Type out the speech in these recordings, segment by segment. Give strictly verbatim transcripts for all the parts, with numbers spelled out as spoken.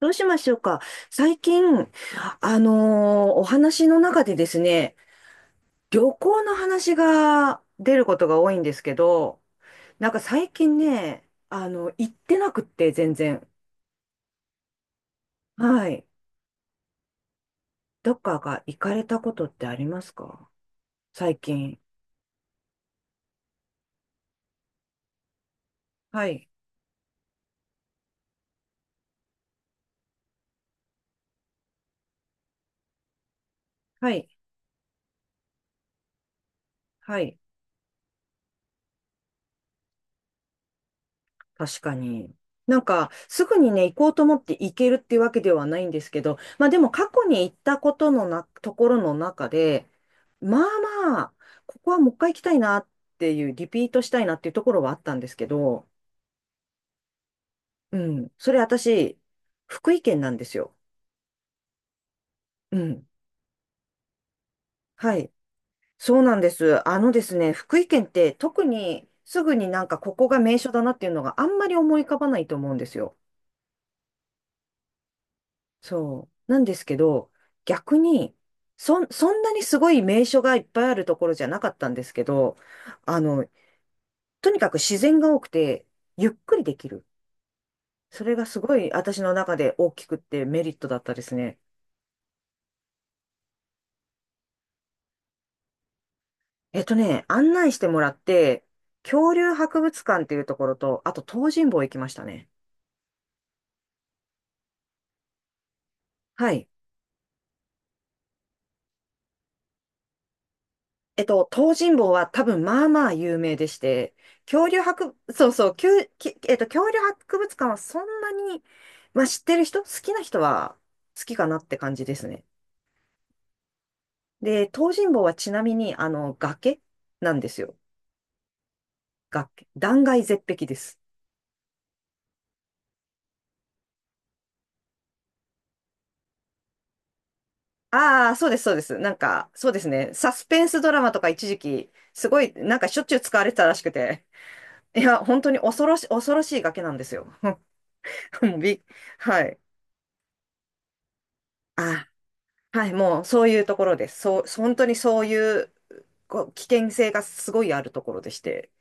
どうしましょうか。最近、あのーお話の中でですね、旅行の話が出ることが多いんですけど、なんか最近ね、あの、行ってなくって、全然。はい。どっかが行かれたことってありますか、最近。はい。はい。はい。確かに。なんか、すぐにね、行こうと思って行けるっていうわけではないんですけど、まあでも過去に行ったことのな、ところの中で、まあまあ、ここはもう一回行きたいなっていう、リピートしたいなっていうところはあったんですけど、うん、それ私、福井県なんですよ。うん、はい。そうなんです。あのですね、福井県って特にすぐになんかここが名所だなっていうのがあんまり思い浮かばないと思うんですよ。そう。なんですけど、逆に、そん、そんなにすごい名所がいっぱいあるところじゃなかったんですけど、あの、とにかく自然が多くて、ゆっくりできる。それがすごい私の中で大きくってメリットだったですね。えっとね、案内してもらって、恐竜博物館っていうところと、あと東尋坊行きましたね。はい。えっと、東尋坊は多分まあまあ有名でして、恐竜博、そうそう、きゅうきえっと、恐竜博物館はそんなに、まあ知ってる人、好きな人は好きかなって感じですね。で、東尋坊はちなみに、あの、崖なんですよ。崖。断崖絶壁です。ああ、そうです、そうです。なんか、そうですね。サスペンスドラマとか一時期、すごい、なんかしょっちゅう使われてたらしくて。いや、本当に恐ろし、恐ろしい崖なんですよ。もうび、はい。あー、はい、もうそういうところです。そう、本当にそういう、こう危険性がすごいあるところでして。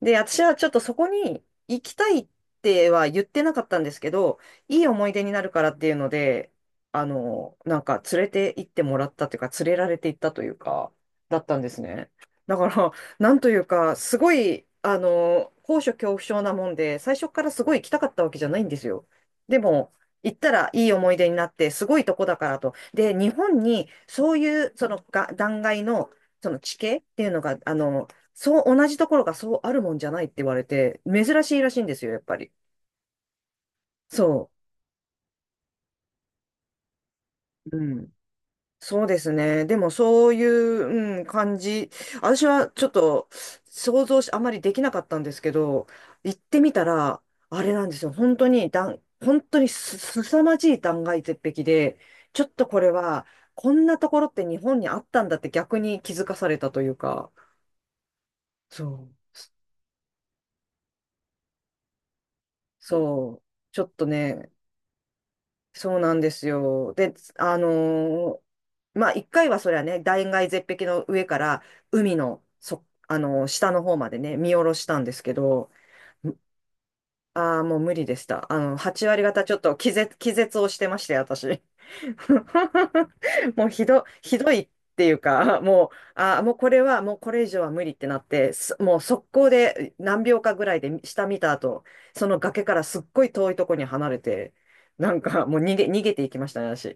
で、私はちょっとそこに行きたいっては言ってなかったんですけど、いい思い出になるからっていうので、あの、なんか連れて行ってもらったというか、連れられて行ったというか、だったんですね。だから、なんというか、すごい、あの、高所恐怖症なもんで、最初からすごい行きたかったわけじゃないんですよ。でも、行ったらいい思い出になって、すごいとこだからと。で、日本にそういう、そのが、断崖の、その地形っていうのが、あの、そう、同じところがそうあるもんじゃないって言われて、珍しいらしいんですよ、やっぱり。そう。うん。そうですね。でも、そういう、うん、感じ。私はちょっと想像し、あまりできなかったんですけど、行ってみたら、あれなんですよ。本当に断、本当にす、すさまじい断崖絶壁で、ちょっとこれは、こんなところって日本にあったんだって逆に気づかされたというか、そう。そう。ちょっとね、そうなんですよ。で、あのーまあ、一回はそりゃね、断崖絶壁の上から海の、そ、あのー下の方までね、見下ろしたんですけど、ああ、もう無理でした。あの、はち割方ちょっと気絶、気絶をしてまして、私。もうひど、ひどいっていうか、もう、ああ、もうこれは、もうこれ以上は無理ってなって、すもう速攻で何秒かぐらいで下見た後、その崖からすっごい遠いとこに離れて、なんかもう逃げ、逃げていきましたね、私。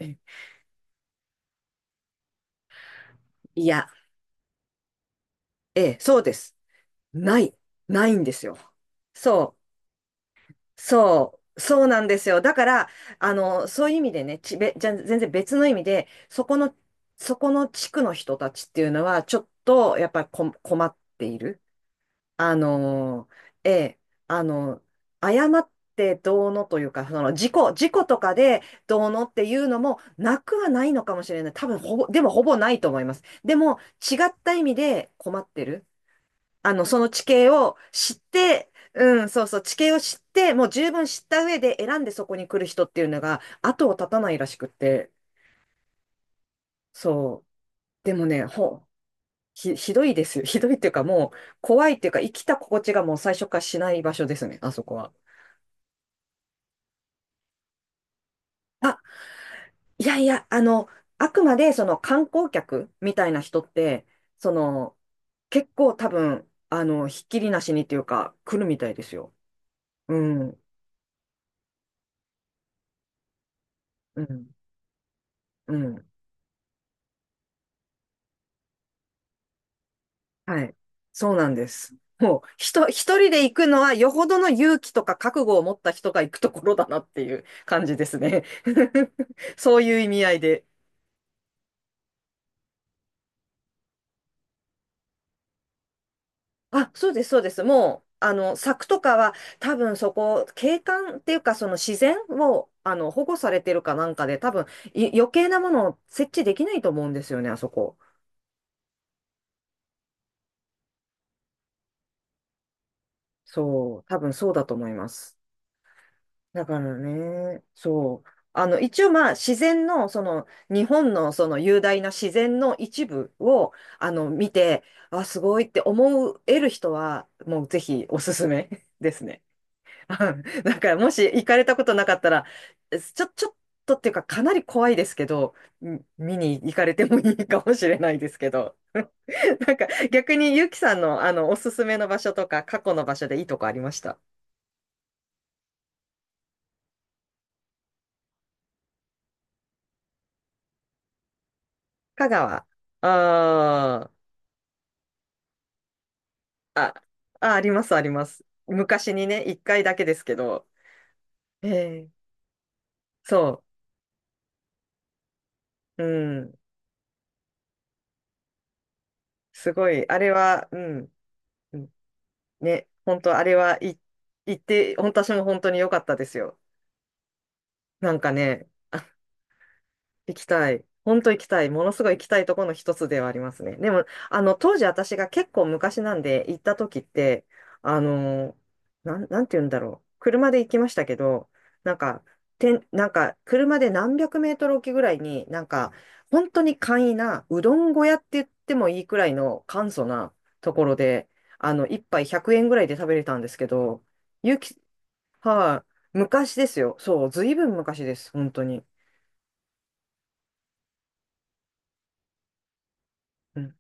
いや、ええ、そうです。ない、ないんですよ。そう。そう、そうなんですよ。だから、あの、そういう意味でね、ちべ、じゃ、全然別の意味で、そこの、そこの地区の人たちっていうのは、ちょっと、やっぱりこ困っている。あの、ええ、あの、誤ってどうのというか、その、事故、事故とかでどうのっていうのも、なくはないのかもしれない。多分、ほぼ、でもほぼないと思います。でも、違った意味で困ってる。あの、その地形を知って、うん、そうそう、地形を知って、もう十分知った上で選んでそこに来る人っていうのが後を絶たないらしくって、そう。でもね、ほ、ひ、ひどいですよ。ひどいっていうかもう怖いっていうか生きた心地がもう最初からしない場所ですね、あそこは。あ、いやいや、あの、あくまでその観光客みたいな人って、その、結構多分、あの、ひっきりなしにっていうか来るみたいですよ。うん、うん、うん。はい。そうなんです。もう、ひと一人で行くのは、よほどの勇気とか覚悟を持った人が行くところだなっていう感じですね。そういう意味合いで。あ、そうです、そうです。もう、あの、柵とかは、多分そこ、景観っていうか、その自然を、あの、保護されてるかなんかで、多分、い余計なものを設置できないと思うんですよね、あそこ。そう、多分そうだと思います。だからね、そう。あの、一応まあ自然の、その、日本のその雄大な自然の一部を、あの、見て、あ、すごいって思える人は、もうぜひおすすめ ですね。うん、だからもし行かれたことなかったら、ちょ、ちょっとっていうかかなり怖いですけど、うん、見に行かれてもいいかもしれないですけど。なんか逆にゆきさんのあの、おすすめの場所とか過去の場所でいいとこありました。香川。ああ。あ、あ、あります、あります。昔にね、一回だけですけど。ええ、そう。うん。すごい。あれは、うん。うん、ね、本当あれは、い、行って、本当私も本当に良かったですよ。なんかね、行きたい。本当行きたい。ものすごい行きたいところの一つではありますね。でも、あの、当時私が結構昔なんで行った時って、あの、なん、なんて言うんだろう。車で行きましたけど、なんか、てん、なんか、車で何百メートル置きぐらいに、なんか、本当に簡易な、うどん小屋って言ってもいいくらいの簡素なところで、あの、一杯ひゃくえんぐらいで食べれたんですけど、ゆき、はい、昔ですよ。そう、ずいぶん昔です。本当に。うん、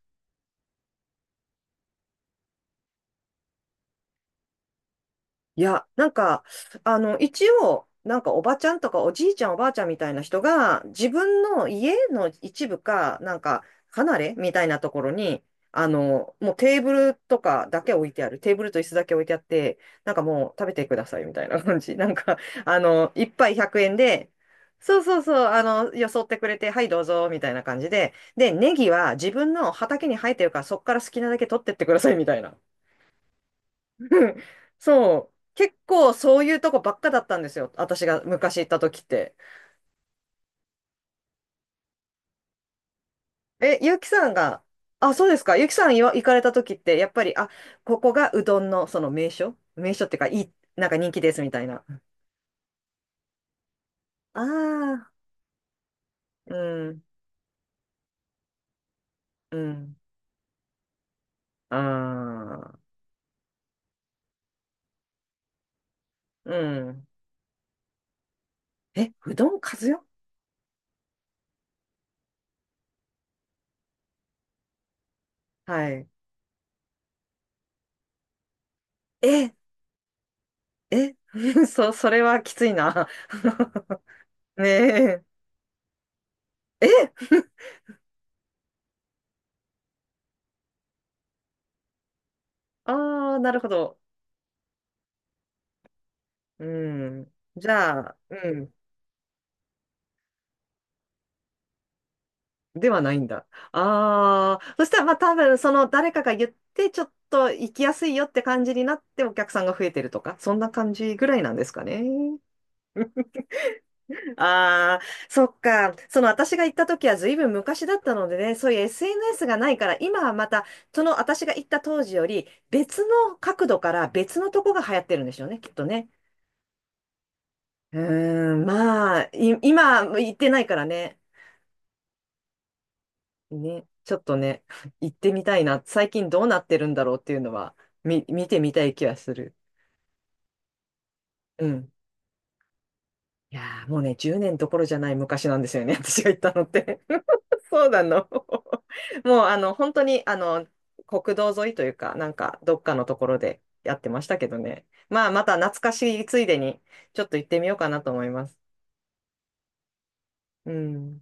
いや、なんか、あの、一応、なんかおばちゃんとかおじいちゃんおばあちゃんみたいな人が、自分の家の一部か、なんか、離れみたいなところに、あの、もうテーブルとかだけ置いてある。テーブルと椅子だけ置いてあって、なんかもう食べてくださいみたいな感じ。なんか、あの、一杯ひゃくえんで、そうそうそう、あの、よそってくれて、はいどうぞ、みたいな感じで。で、ネギは自分の畑に生えてるから、そっから好きなだけ取ってってくださいみたいな。うん、そう。結構そういうとこばっかだったんですよ。私が昔行った時って。え、ゆうきさんが、あ、そうですか。ゆうきさんいわ行かれた時って、やっぱり、あ、ここがうどんのその名所名所っていうか、いい、なんか人気ですみたいな。ああ、うん、うん、ああ、うん。え、うどんかずよ、はい。え、え、そ、それはきついな。ねえ。え、ああ、なるほど。うん。じゃあ、うん。ではないんだ。ああ、そしたらまあ多分その誰かが言ってちょっと行きやすいよって感じになってお客さんが増えてるとか、そんな感じぐらいなんですかね。ああ、そっか。その私が行った時は随分昔だったのでね、そういう エスエヌエス がないから、今はまたその私が行った当時より別の角度から別のとこが流行ってるんでしょうね、きっとね。うーん、まあ、い今行ってないからね。ね、ちょっとね、行ってみたいな。最近どうなってるんだろうっていうのは、み、見てみたい気はする。うん。いやー、もうね、じゅうねんどころじゃない昔なんですよね、私が行ったのって。そうなの。もう、あの、本当に、あの、国道沿いというか、なんか、どっかのところでやってましたけどね。まあ、また懐かしいついでに、ちょっと行ってみようかなと思います。うん。